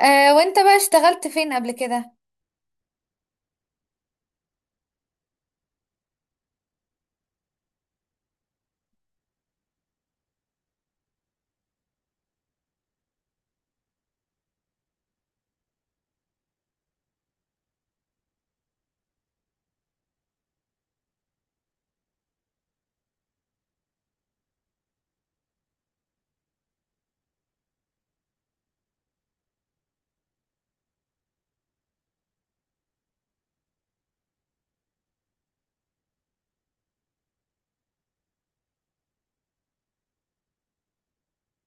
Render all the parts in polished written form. وانت بقى اشتغلت فين قبل كده؟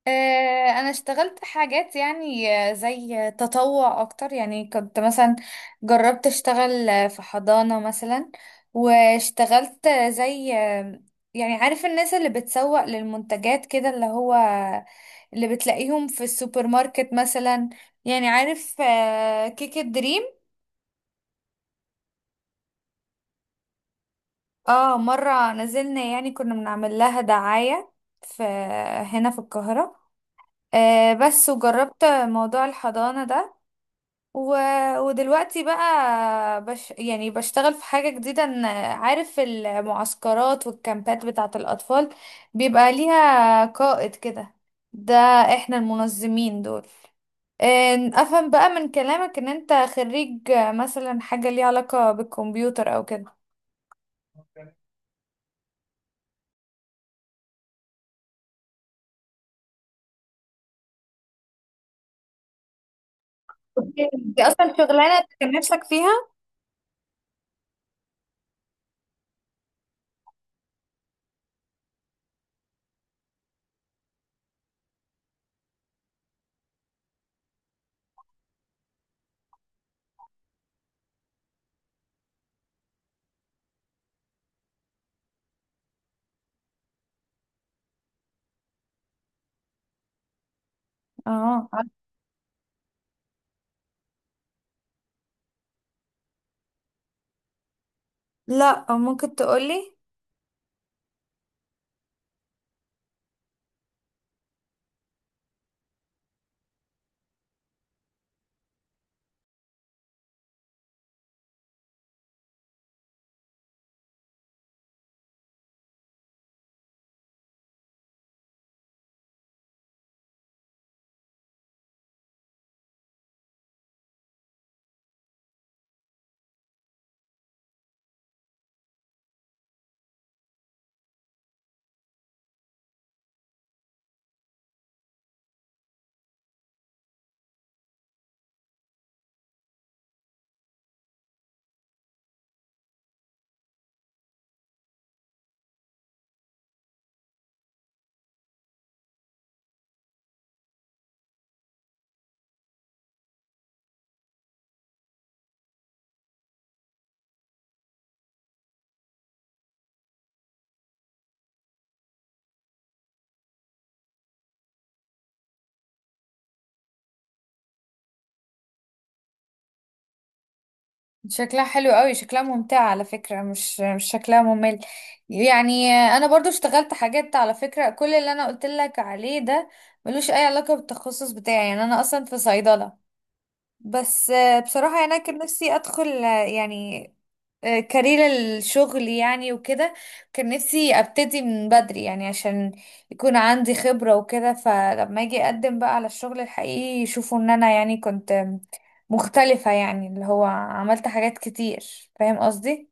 آه، انا اشتغلت حاجات، يعني زي تطوع اكتر. يعني كنت مثلا جربت اشتغل في حضانة مثلا، واشتغلت آه، زي آه، يعني عارف الناس اللي بتسوق للمنتجات كده، اللي هو اللي بتلاقيهم في السوبر ماركت مثلا. يعني عارف كيك الدريم؟ اه، مرة نزلنا، يعني كنا بنعمل لها دعاية في، هنا في القاهرة. آه، بس وجربت موضوع الحضانة ده و... ودلوقتي بقى يعني بشتغل في حاجة جديدة، إن عارف المعسكرات والكامبات بتاعة الأطفال، بيبقى ليها قائد كده. ده احنا المنظمين دول. آه، افهم بقى من كلامك ان انت خريج مثلا حاجة ليها علاقة بالكمبيوتر او كده. أوكي. دي اصلا شغلانة كان نفسك فيها؟ اه، لا ممكن تقولي. شكلها حلو قوي، شكلها ممتع على فكرة، مش شكلها ممل. يعني انا برضو اشتغلت حاجات على فكرة. كل اللي انا قلت لك عليه ده ملوش اي علاقة بالتخصص بتاعي، يعني انا اصلا في صيدلة. بس بصراحة يعني أنا كان نفسي أدخل كارير الشغل يعني وكده. كان نفسي أبتدي من بدري يعني، عشان يكون عندي خبرة وكده، فلما أجي أقدم بقى على الشغل الحقيقي يشوفوا إن أنا يعني كنت مختلفة، يعني اللي هو عملت حاجات كتير. فاهم قصدي؟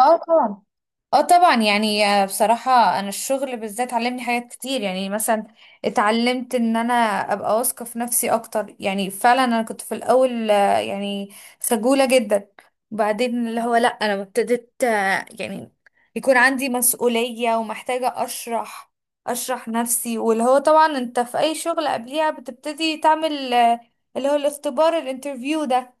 اه طبعا. اه طبعا، يعني بصراحة انا الشغل بالذات علمني حاجات كتير. يعني مثلا اتعلمت ان انا ابقى واثقة في نفسي اكتر. يعني فعلا انا كنت في الاول، خجولة جدا. وبعدين اللي هو لا، انا لما ابتديت، يكون عندي مسؤولية ومحتاجة اشرح نفسي، واللي هو طبعا انت في اي شغل قبليها بتبتدي تعمل اللي هو الاختبار الانترفيو ده.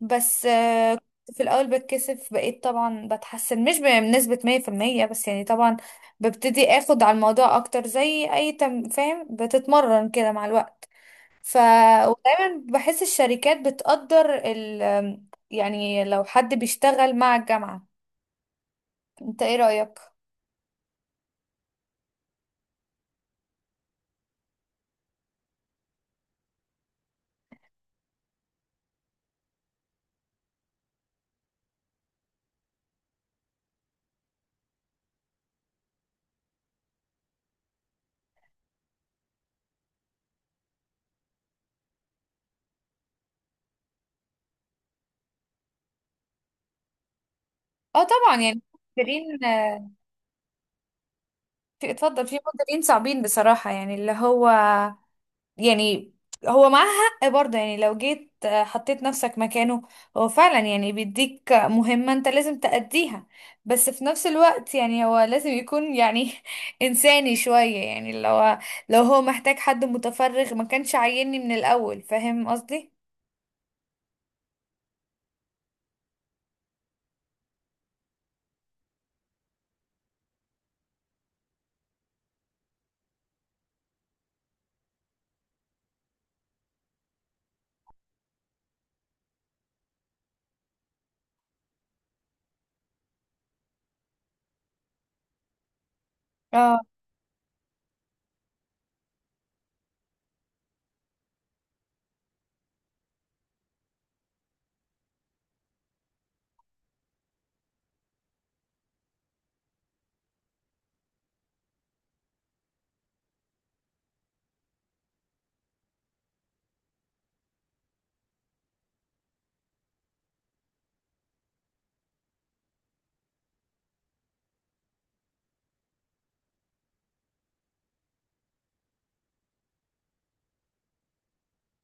بس كنت في الأول بتكسف، بقيت طبعا بتحسن مش بنسبة 100% بس، يعني طبعا ببتدي اخد على الموضوع اكتر. زي اي تم فاهم، بتتمرن كده مع الوقت. ف ودايما بحس الشركات بتقدر ال، يعني لو حد بيشتغل مع الجامعة. انت ايه رأيك؟ اه طبعا يعني. مديرين في، اتفضل، في مديرين صعبين بصراحة، يعني اللي هو يعني هو معاه حق برضه. يعني لو جيت حطيت نفسك مكانه، هو فعلا يعني بيديك مهمة انت لازم تأديها، بس في نفس الوقت يعني هو لازم يكون يعني إنساني شوية. يعني لو هو محتاج حد متفرغ ما كانش عايزني من الأول. فاهم قصدي؟ اه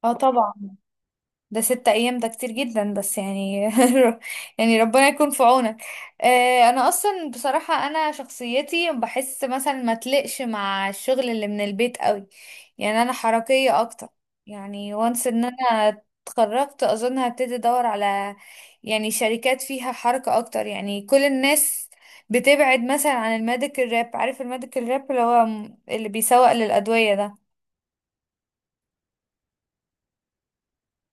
اه طبعا. ده 6 ايام ده كتير جدا، بس يعني يعني ربنا يكون في عونك. آه، انا اصلا بصراحة انا شخصيتي بحس مثلا ما تلقش مع الشغل اللي من البيت قوي. يعني انا حركية اكتر. يعني وانس ان انا اتخرجت اظن هبتدي ادور على، يعني شركات فيها حركة اكتر، يعني كل الناس. بتبعد مثلا عن الميديكال راب. عارف الميديكال راب اللي هو اللي بيسوق للأدوية ده؟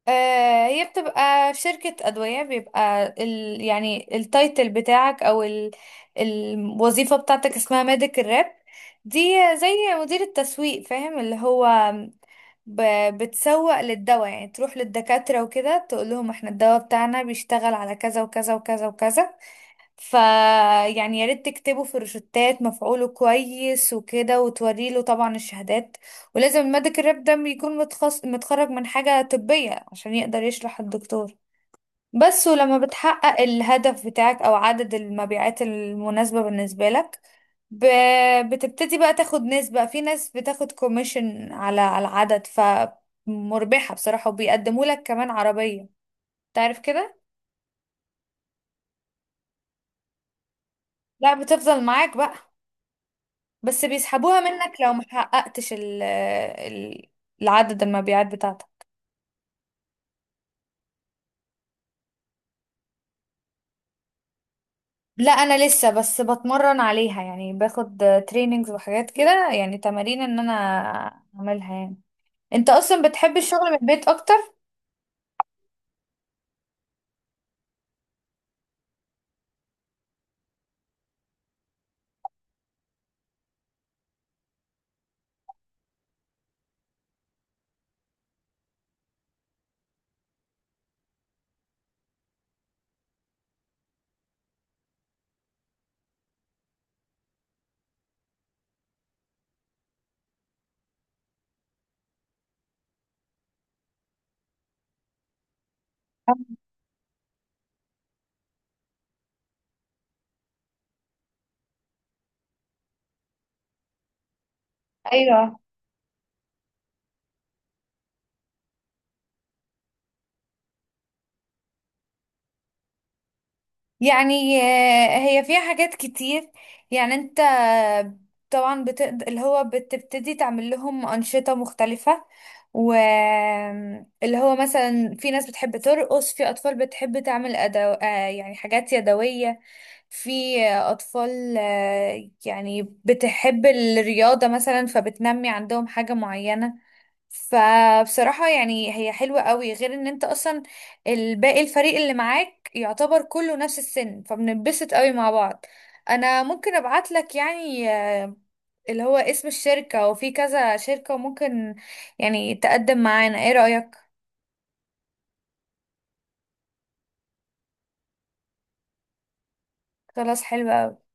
آه، هي بتبقى في شركة أدوية، بيبقى ال، يعني التايتل بتاعك أو ال الوظيفة بتاعتك اسمها ميديكال راب. دي زي مدير التسويق، فاهم؟ اللي هو ب بتسوق للدواء، يعني تروح للدكاترة وكده تقول لهم احنا الدواء بتاعنا بيشتغل على كذا وكذا وكذا وكذا، فيعني يا ريت تكتبه في روشتات، مفعوله كويس وكده، وتوري له طبعا الشهادات. ولازم الميديكال ريب ده يكون متخرج من حاجة طبية عشان يقدر يشرح الدكتور. بس ولما بتحقق الهدف بتاعك أو عدد المبيعات المناسبة بالنسبة لك، ب... بتبتدي بقى تاخد نسبة. في ناس بتاخد كوميشن على على العدد، فمربحة بصراحة، وبيقدموا لك كمان عربية. تعرف كده؟ لا، بتفضل معاك بقى، بس بيسحبوها منك لو ما حققتش العدد المبيعات بتاعتك. لا انا لسه بس بتمرن عليها، يعني باخد تريننجز وحاجات كده، يعني تمارين ان انا اعملها يعني. انت اصلا بتحب الشغل من البيت اكتر؟ ايوه، يعني آه، هي فيها حاجات كتير. يعني انت طبعا اللي هو بتبتدي تعمل لهم أنشطة مختلفة. واللي هو مثلا في ناس بتحب ترقص، في أطفال بتحب تعمل أدو... آه، يعني حاجات يدوية، في أطفال يعني بتحب الرياضة مثلا، فبتنمي عندهم حاجة معينة. فبصراحة يعني هي حلوة قوي، غير ان انت اصلا الباقي الفريق اللي معاك يعتبر كله نفس السن، فبنتبسط قوي مع بعض. انا ممكن ابعت لك يعني اللي هو اسم الشركة، وفي كذا شركة وممكن يعني تقدم معانا. ايه رأيك؟ خلاص، حلوة قوي.